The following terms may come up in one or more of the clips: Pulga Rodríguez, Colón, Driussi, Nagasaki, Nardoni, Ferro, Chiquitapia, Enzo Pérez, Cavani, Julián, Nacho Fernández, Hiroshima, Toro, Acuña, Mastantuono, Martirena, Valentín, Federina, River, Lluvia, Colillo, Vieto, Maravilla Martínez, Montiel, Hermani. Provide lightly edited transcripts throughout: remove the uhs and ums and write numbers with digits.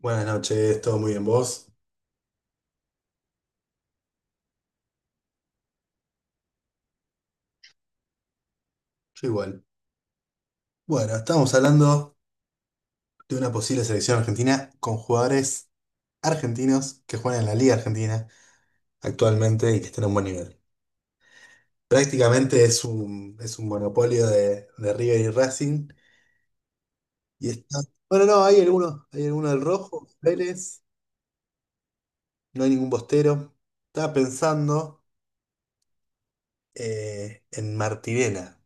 Buenas noches, ¿todo muy bien vos? Yo igual. Bueno, estamos hablando de una posible selección argentina con jugadores argentinos que juegan en la Liga Argentina actualmente y que están a un buen nivel. Prácticamente es un monopolio de River y Racing. Y está... Bueno, no, hay alguno del Rojo, Vélez, no hay ningún Bostero. Estaba pensando en Martirena.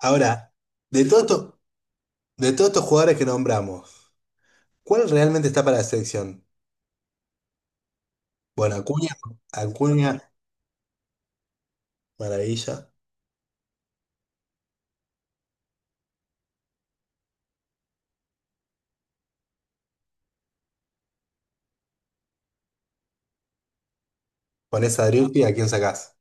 Ahora, de todo esto- de todos estos jugadores que nombramos, ¿cuál realmente está para la selección? Bueno, Acuña, Acuña, maravilla. Ponés a Driussi, ¿a quién sacás?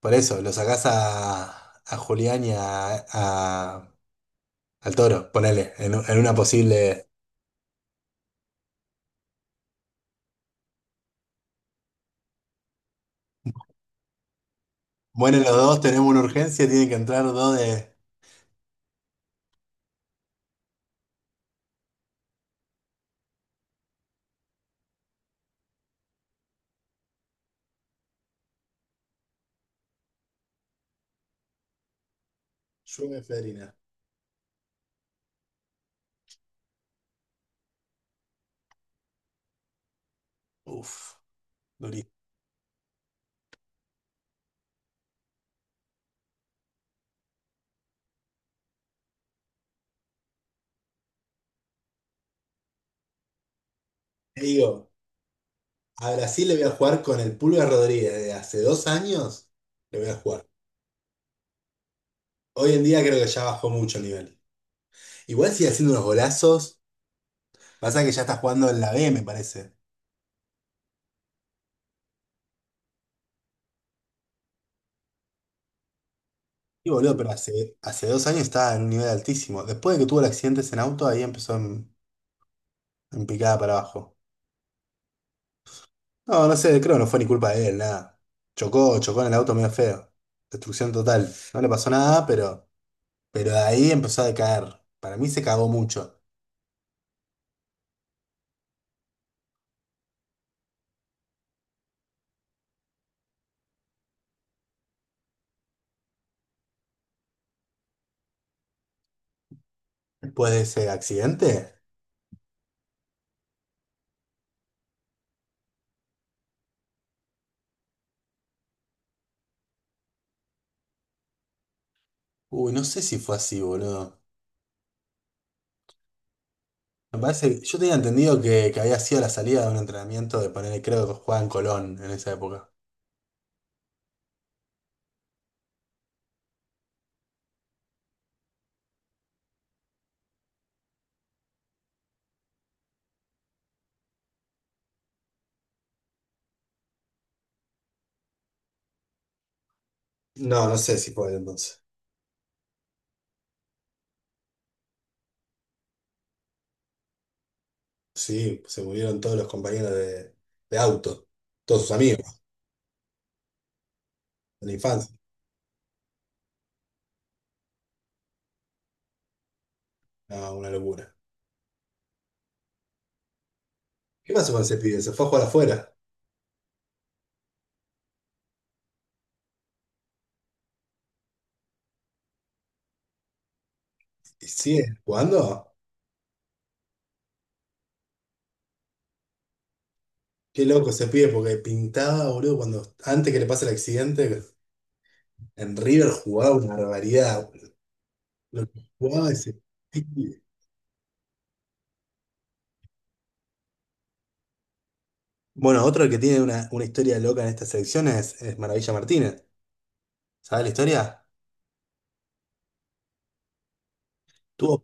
Por eso, lo sacás a Julián y al Toro, ponele, en una posible. Bueno, los dos tenemos una urgencia, tienen que entrar dos de. Lluvia y Federina. Uf, durísimo. Te digo, a Brasil le voy a jugar con el Pulga Rodríguez de hace 2 años, le voy a jugar. Hoy en día creo que ya bajó mucho el nivel. Igual sigue haciendo unos golazos, pasa que ya está jugando en la B, me parece. Sí, boludo, pero hace 2 años estaba en un nivel altísimo. Después de que tuvo el accidente en auto, ahí empezó en picada para abajo. No, no sé, creo que no fue ni culpa de él, nada. Chocó, chocó en el auto medio feo. Destrucción total. No le pasó nada, pero, de ahí empezó a decaer. Para mí se cagó mucho. Después de ese accidente, uy, no sé si fue así, boludo. Me parece, yo tenía entendido que había sido la salida de un entrenamiento de poner, creo que jugaba en Colón en esa época. No, no sé si fue entonces. Sí, se murieron todos los compañeros de auto, todos sus amigos de la infancia. No, una locura. ¿Qué pasó con ese pibe? Se fue a jugar afuera. ¿Y sigue jugando? Qué loco ese pibe, porque pintaba, boludo, cuando antes que le pase el accidente, en River jugaba una barbaridad. Lo que jugaba ese pibe. Bueno, otro que tiene una historia loca en esta selección es Maravilla Martínez. ¿Sabes la historia? Tuvo,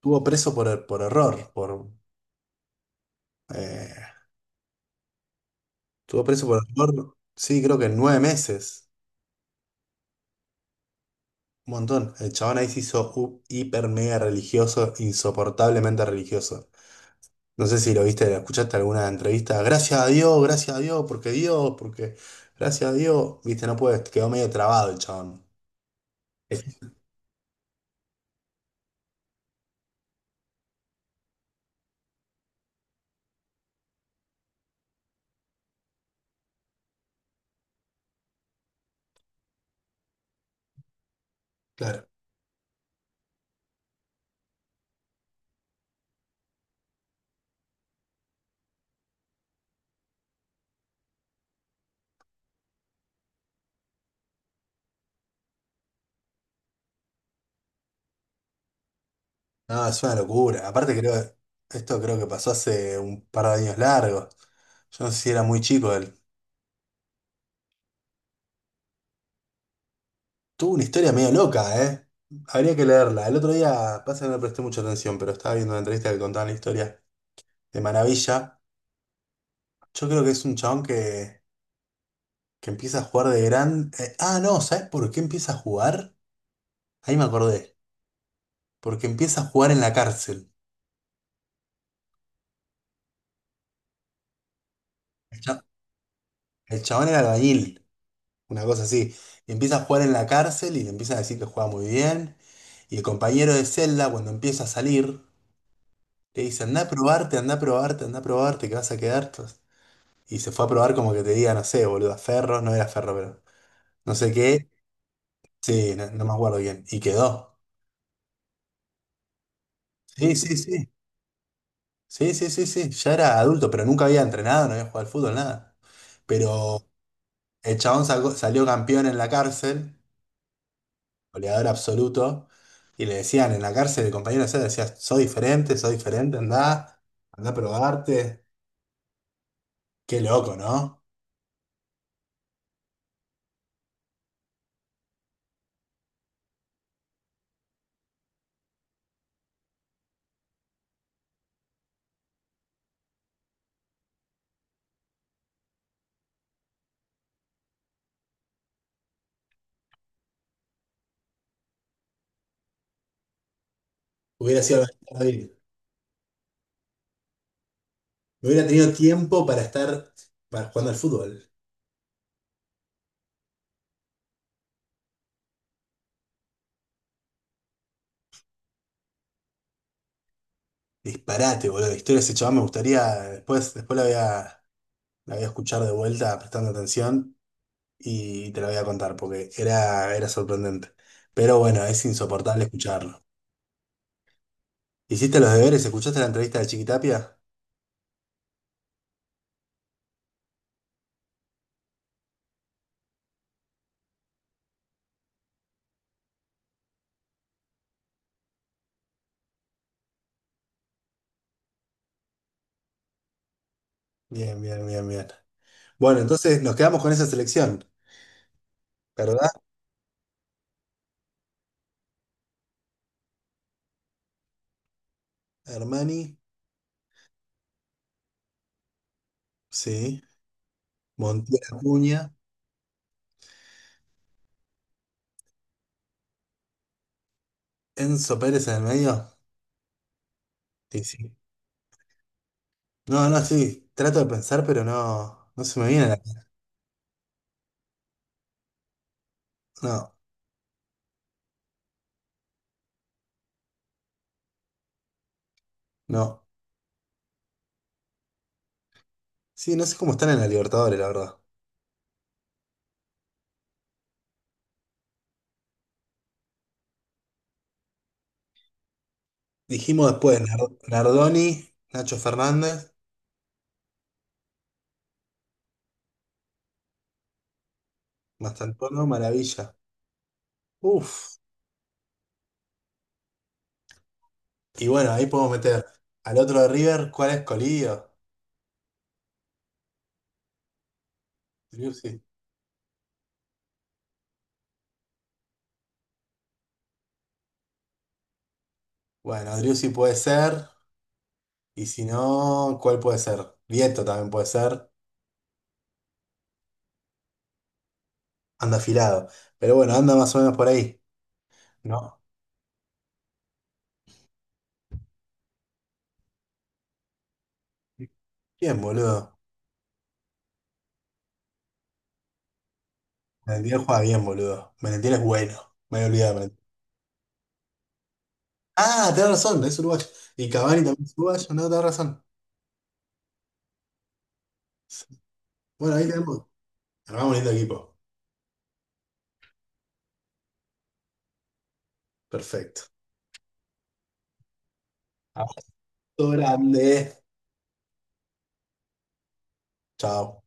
tuvo preso por error, eh, estuvo preso por error, sí, creo que 9 meses. Un montón. El chabón ahí se hizo hiper mega religioso, insoportablemente religioso. No sé si lo viste, lo escuchaste alguna entrevista. Gracias a Dios, porque gracias a Dios. Viste, no puedes, quedó medio trabado el chabón. Es- Claro. No, es una locura. Aparte creo, esto creo que pasó hace un par de años largos. Yo no sé si era muy chico él. Tuvo una historia medio loca, ¿eh? Habría que leerla. El otro día, pasa que no le presté mucha atención, pero estaba viendo una entrevista que contaba la historia de Maravilla. Yo creo que es un chabón que empieza a jugar de gran... no, ¿sabes por qué empieza a jugar? Ahí me acordé. Porque empieza a jugar en la cárcel. El, cha- el chabón era albañil, una cosa así. Y empieza a jugar en la cárcel y le empiezan a decir que juega muy bien. Y el compañero de celda, cuando empieza a salir, le dice, anda a probarte, anda a probarte, anda a probarte, que vas a quedar. Entonces, y se fue a probar como que te diga, no sé, boludo, a Ferro, no era Ferro, pero no sé qué. Sí, no, no me acuerdo bien. Y quedó. Sí, sí, sí. Sí, sí, sí, sí, ya era adulto, pero nunca había entrenado, no había jugado al fútbol, nada. Pero el chabón salió campeón en la cárcel, goleador absoluto, y le decían en la cárcel, el compañero de celda decía, soy diferente, andá, andá a probarte. Qué loco, ¿no? Hubiera sido David. No hubiera tenido tiempo para estar jugando al fútbol. Disparate, boludo. La historia de ese chabón me gustaría, después la voy la voy a escuchar de vuelta prestando atención. Y te lo voy a contar porque era sorprendente. Pero bueno, es insoportable escucharlo. ¿Hiciste los deberes? ¿Escuchaste la entrevista de Chiquitapia? Bien, bien, bien, bien. Bueno, entonces nos quedamos con esa selección, ¿verdad? Hermani, sí. Montiel Acuña, Enzo Pérez en el medio. Sí, sí. No, no, sí. Trato de pensar, pero no se me viene a la... No, no. Sí, no sé cómo están en la Libertadores, la verdad. Dijimos después, Nardoni, Nacho Fernández, Mastantuono, Maravilla. Uf. Y bueno, ahí podemos meter al otro de River, ¿cuál es Colillo? Driussi. Bueno, Driussi puede ser, y si no, ¿cuál puede ser? Vieto también puede ser, anda afilado. Pero bueno, anda más o menos por ahí, ¿no? Bien, boludo. Valentín juega bien, boludo. Valentín es bueno. Me había olvidado de Valentín. Ah, tenés razón, es uruguayo. Y Cavani también es uruguayo, no, tenés razón. Bueno, ahí tenemos. Armamos un lindo equipo. Perfecto. Abrazo grande. Chao.